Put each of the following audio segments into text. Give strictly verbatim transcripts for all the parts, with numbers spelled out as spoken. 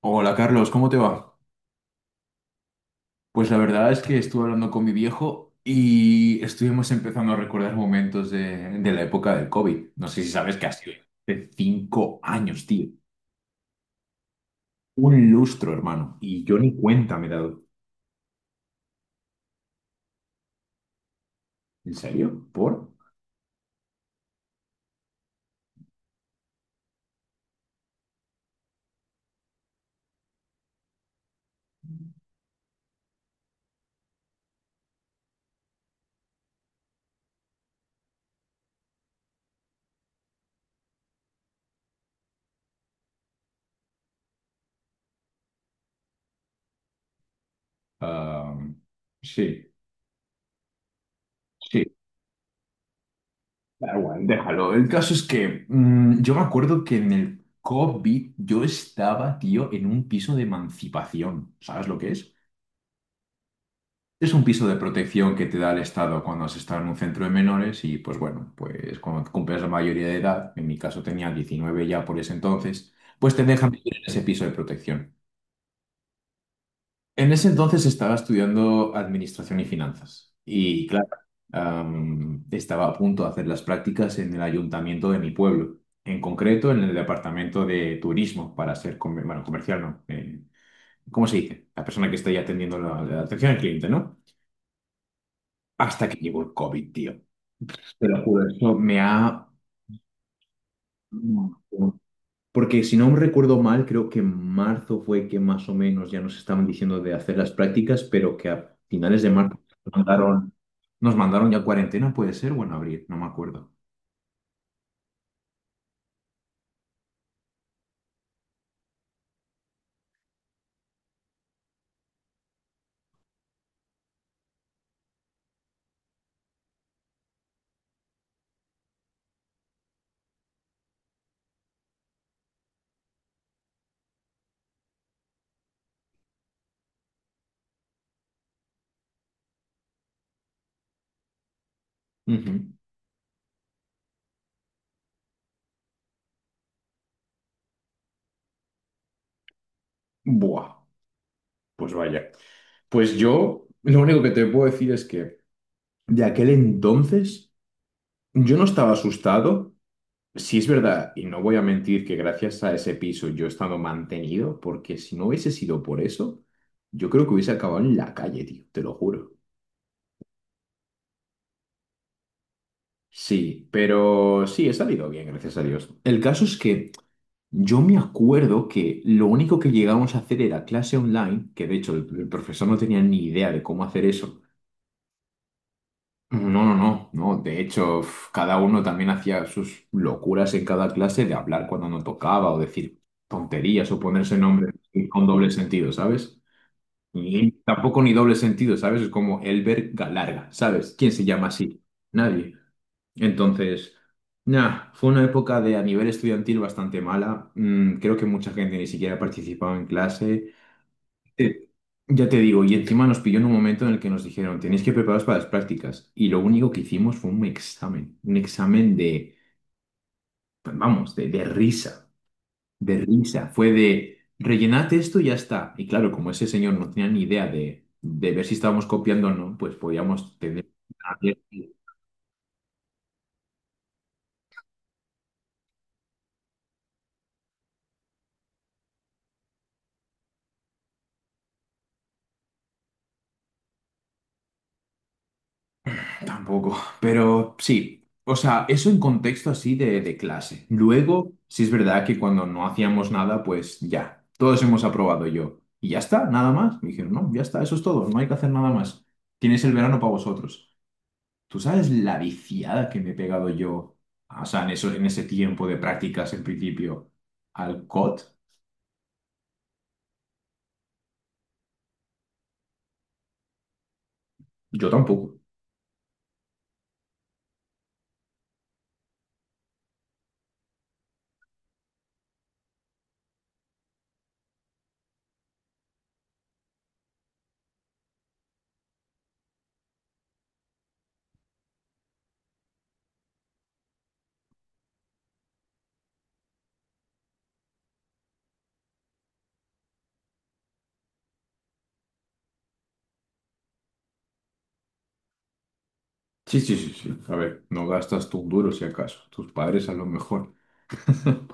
Hola Carlos, ¿cómo te va? Pues la verdad es que estuve hablando con mi viejo y estuvimos empezando a recordar momentos de, de la época del COVID. No sé si sabes que ha sido hace cinco años, tío. Un lustro, hermano. Y yo ni cuenta me he dado. ¿En serio? ¿Por? Ah, sí, sí. Da igual, déjalo. El caso es que mm, yo me acuerdo que en el COVID yo estaba, tío, en un piso de emancipación. ¿Sabes lo que es? Es un piso de protección que te da el Estado cuando has estado en un centro de menores y pues bueno, pues cuando cumples la mayoría de edad, en mi caso tenía diecinueve ya por ese entonces, pues te dejan vivir en ese piso de protección. En ese entonces estaba estudiando administración y finanzas y claro, am, estaba a punto de hacer las prácticas en el ayuntamiento de mi pueblo, en concreto en el departamento de turismo para ser, comer- bueno, comercial, ¿no? Eh, ¿cómo se dice? La persona que está ahí atendiendo la la atención al cliente, ¿no? Hasta que llegó el COVID, tío. Te lo juro, eso me ha... Porque si no recuerdo mal, creo que en marzo fue que más o menos ya nos estaban diciendo de hacer las prácticas, pero que a finales de marzo nos mandaron, nos mandaron ya cuarentena, puede ser, o en abril, no me acuerdo. Ujú. Buah, pues vaya. Pues yo, lo único que te puedo decir es que de aquel entonces yo no estaba asustado. Sí, es verdad, y no voy a mentir que gracias a ese piso yo he estado mantenido, porque si no hubiese sido por eso, yo creo que hubiese acabado en la calle, tío, te lo juro. Sí, pero sí, he salido bien, gracias a Dios. El caso es que yo me acuerdo que lo único que llegábamos a hacer era clase online, que de hecho el, el profesor no tenía ni idea de cómo hacer eso. No, no, no, no. De hecho, uf, cada uno también hacía sus locuras en cada clase de hablar cuando no tocaba o decir tonterías o ponerse nombres con doble sentido, ¿sabes? Y tampoco ni doble sentido, ¿sabes? Es como Elber Galarga, ¿sabes? ¿Quién se llama así? Nadie. Entonces, nada, fue una época de a nivel estudiantil bastante mala. Mm, creo que mucha gente ni siquiera participaba en clase. Eh, Ya te digo, y encima nos pilló en un momento en el que nos dijeron, tenéis que prepararos para las prácticas. Y lo único que hicimos fue un examen, un examen de, pues, vamos, de, de risa, de risa. Fue de, rellenad esto y ya está. Y claro, como ese señor no tenía ni idea de, de ver si estábamos copiando o no, pues podíamos tener... Tampoco, pero sí, o sea, eso en contexto así de, de clase. Luego, sí es verdad que cuando no hacíamos nada, pues ya, todos hemos aprobado yo. Y ya está, nada más. Me dijeron, no, ya está, eso es todo, no hay que hacer nada más. Tienes el verano para vosotros. ¿Tú sabes la viciada que me he pegado yo, o sea, en eso, en ese tiempo de prácticas en principio, al C O T? Yo tampoco. Sí, sí, sí, sí. A ver, no gastas tú un duro si acaso. Tus padres a lo mejor.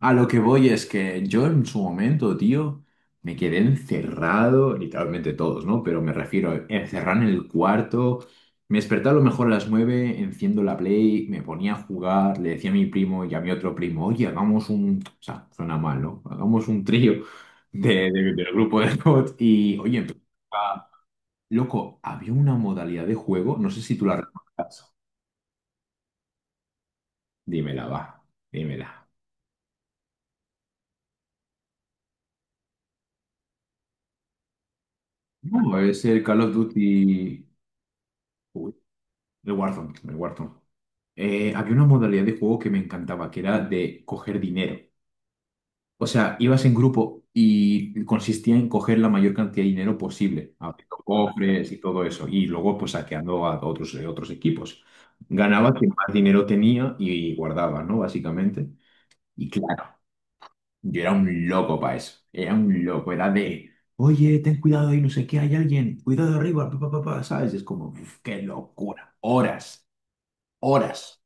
A lo que voy es que yo en su momento, tío, me quedé encerrado, literalmente todos, ¿no? Pero me refiero a encerrar en el cuarto. Me despertaba a lo mejor a las nueve, enciendo la Play, me ponía a jugar, le decía a mi primo y a mi otro primo, oye, hagamos un... O sea, suena mal, ¿no? Hagamos un trío de, de- del grupo de bots y, oye, empezó a- loco, había una modalidad de juego, no sé si tú la recuerdas. Dímela, va, dímela. No, es el Call of Duty... De Warzone, de Warzone. Eh, había una modalidad de juego que me encantaba, que era de coger dinero. O sea, ibas en grupo y consistía en coger la mayor cantidad de dinero posible, abriendo cofres y todo eso, y luego pues saqueando a otros, eh, otros equipos. Ganaba quien más dinero tenía y guardaba, ¿no? Básicamente. Y claro, yo era un loco para eso, era un loco, era de, oye, ten cuidado ahí, no sé qué, hay alguien, cuidado arriba, pa, pa, pa, pa", ¿sabes? Es como, "Uf, qué locura, horas, horas.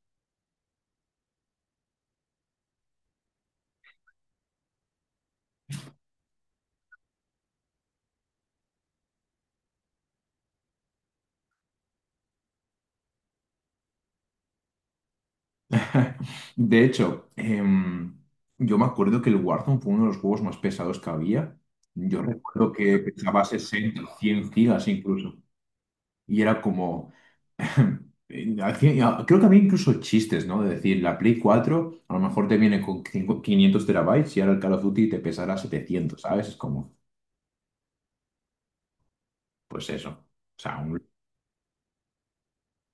De hecho, em, yo me acuerdo que el Warzone fue uno de los juegos más pesados que había. Yo recuerdo que pesaba sesenta, cien gigas incluso. Y era como... eh, al fin- a- Creo que había incluso chistes, ¿no? De decir, la Play cuatro a lo mejor te viene con cinco- quinientos terabytes y ahora el Call of Duty te pesará setecientos, ¿sabes? Es como, pues eso. O sea, un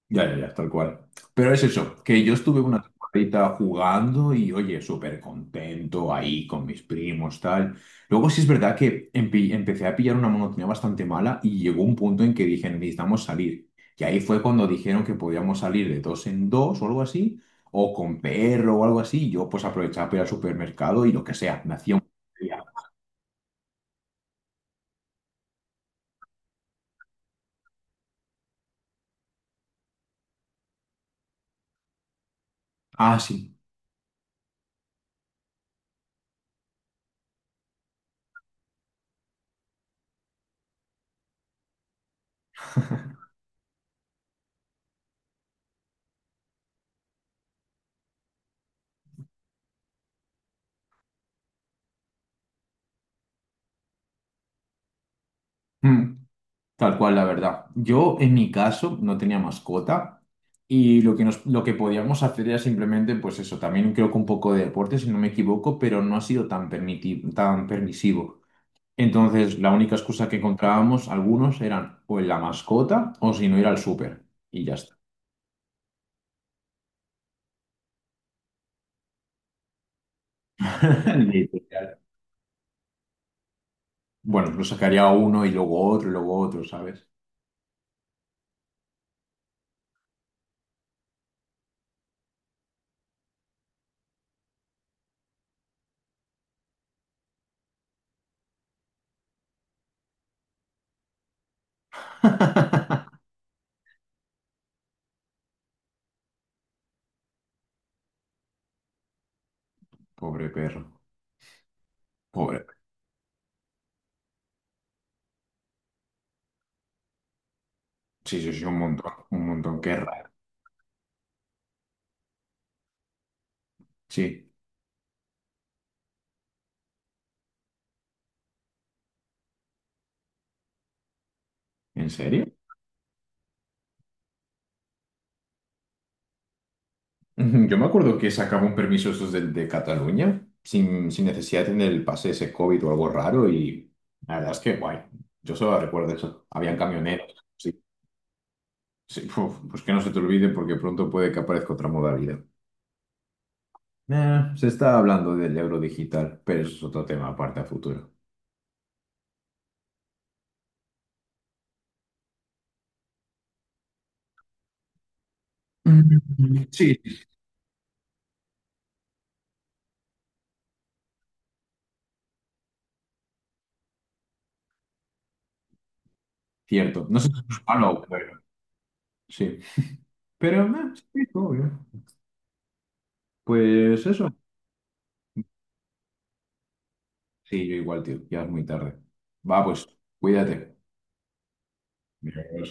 ya, ya, ya, tal cual. Pero es eso, que yo estuve una temporadita jugando y, oye, súper contento ahí con mis primos, tal. Luego sí es verdad que empe- empecé a pillar una monotonía bastante mala y llegó un punto en que dije, necesitamos salir. Y ahí fue cuando dijeron que podíamos salir de dos en dos o algo así, o con perro o algo así. Y yo pues aprovechaba para ir al supermercado y lo que sea, me hacía un... Ah, sí. Tal cual, la verdad. Yo, en mi caso, no tenía mascota y lo que, nos, lo que podíamos hacer era simplemente, pues eso, también creo que un poco de deporte, si no me equivoco, pero no ha sido tan permiti- tan permisivo. Entonces, la única excusa que encontrábamos algunos eran o en la mascota o si no ir al súper. Y ya está. Literal. Bueno, lo sacaría a uno y luego otro, y luego otro, ¿sabes? Pobre perro. Pobre. Sí, sí, sí, un montón, un montón. Qué raro. Sí. ¿En serio? Ujú. Yo me acuerdo que sacaba un permiso esos del de Cataluña, sin, sin necesidad de tener el pase ese COVID o algo raro, y la verdad es que guay. Yo solo recuerdo eso. Habían camioneros. Sí, sí, uf, pues que no se te olvide porque pronto puede que aparezca otra modalidad. Eh, se está hablando del euro digital, pero eso es otro tema aparte a futuro. Mm. Sí, cierto. No sé si es malo, pero sí. Pero eh, sí, obvio. Pues eso. Sí, yo igual, tío. Ya es muy tarde. Va, pues, cuídate. Adiós.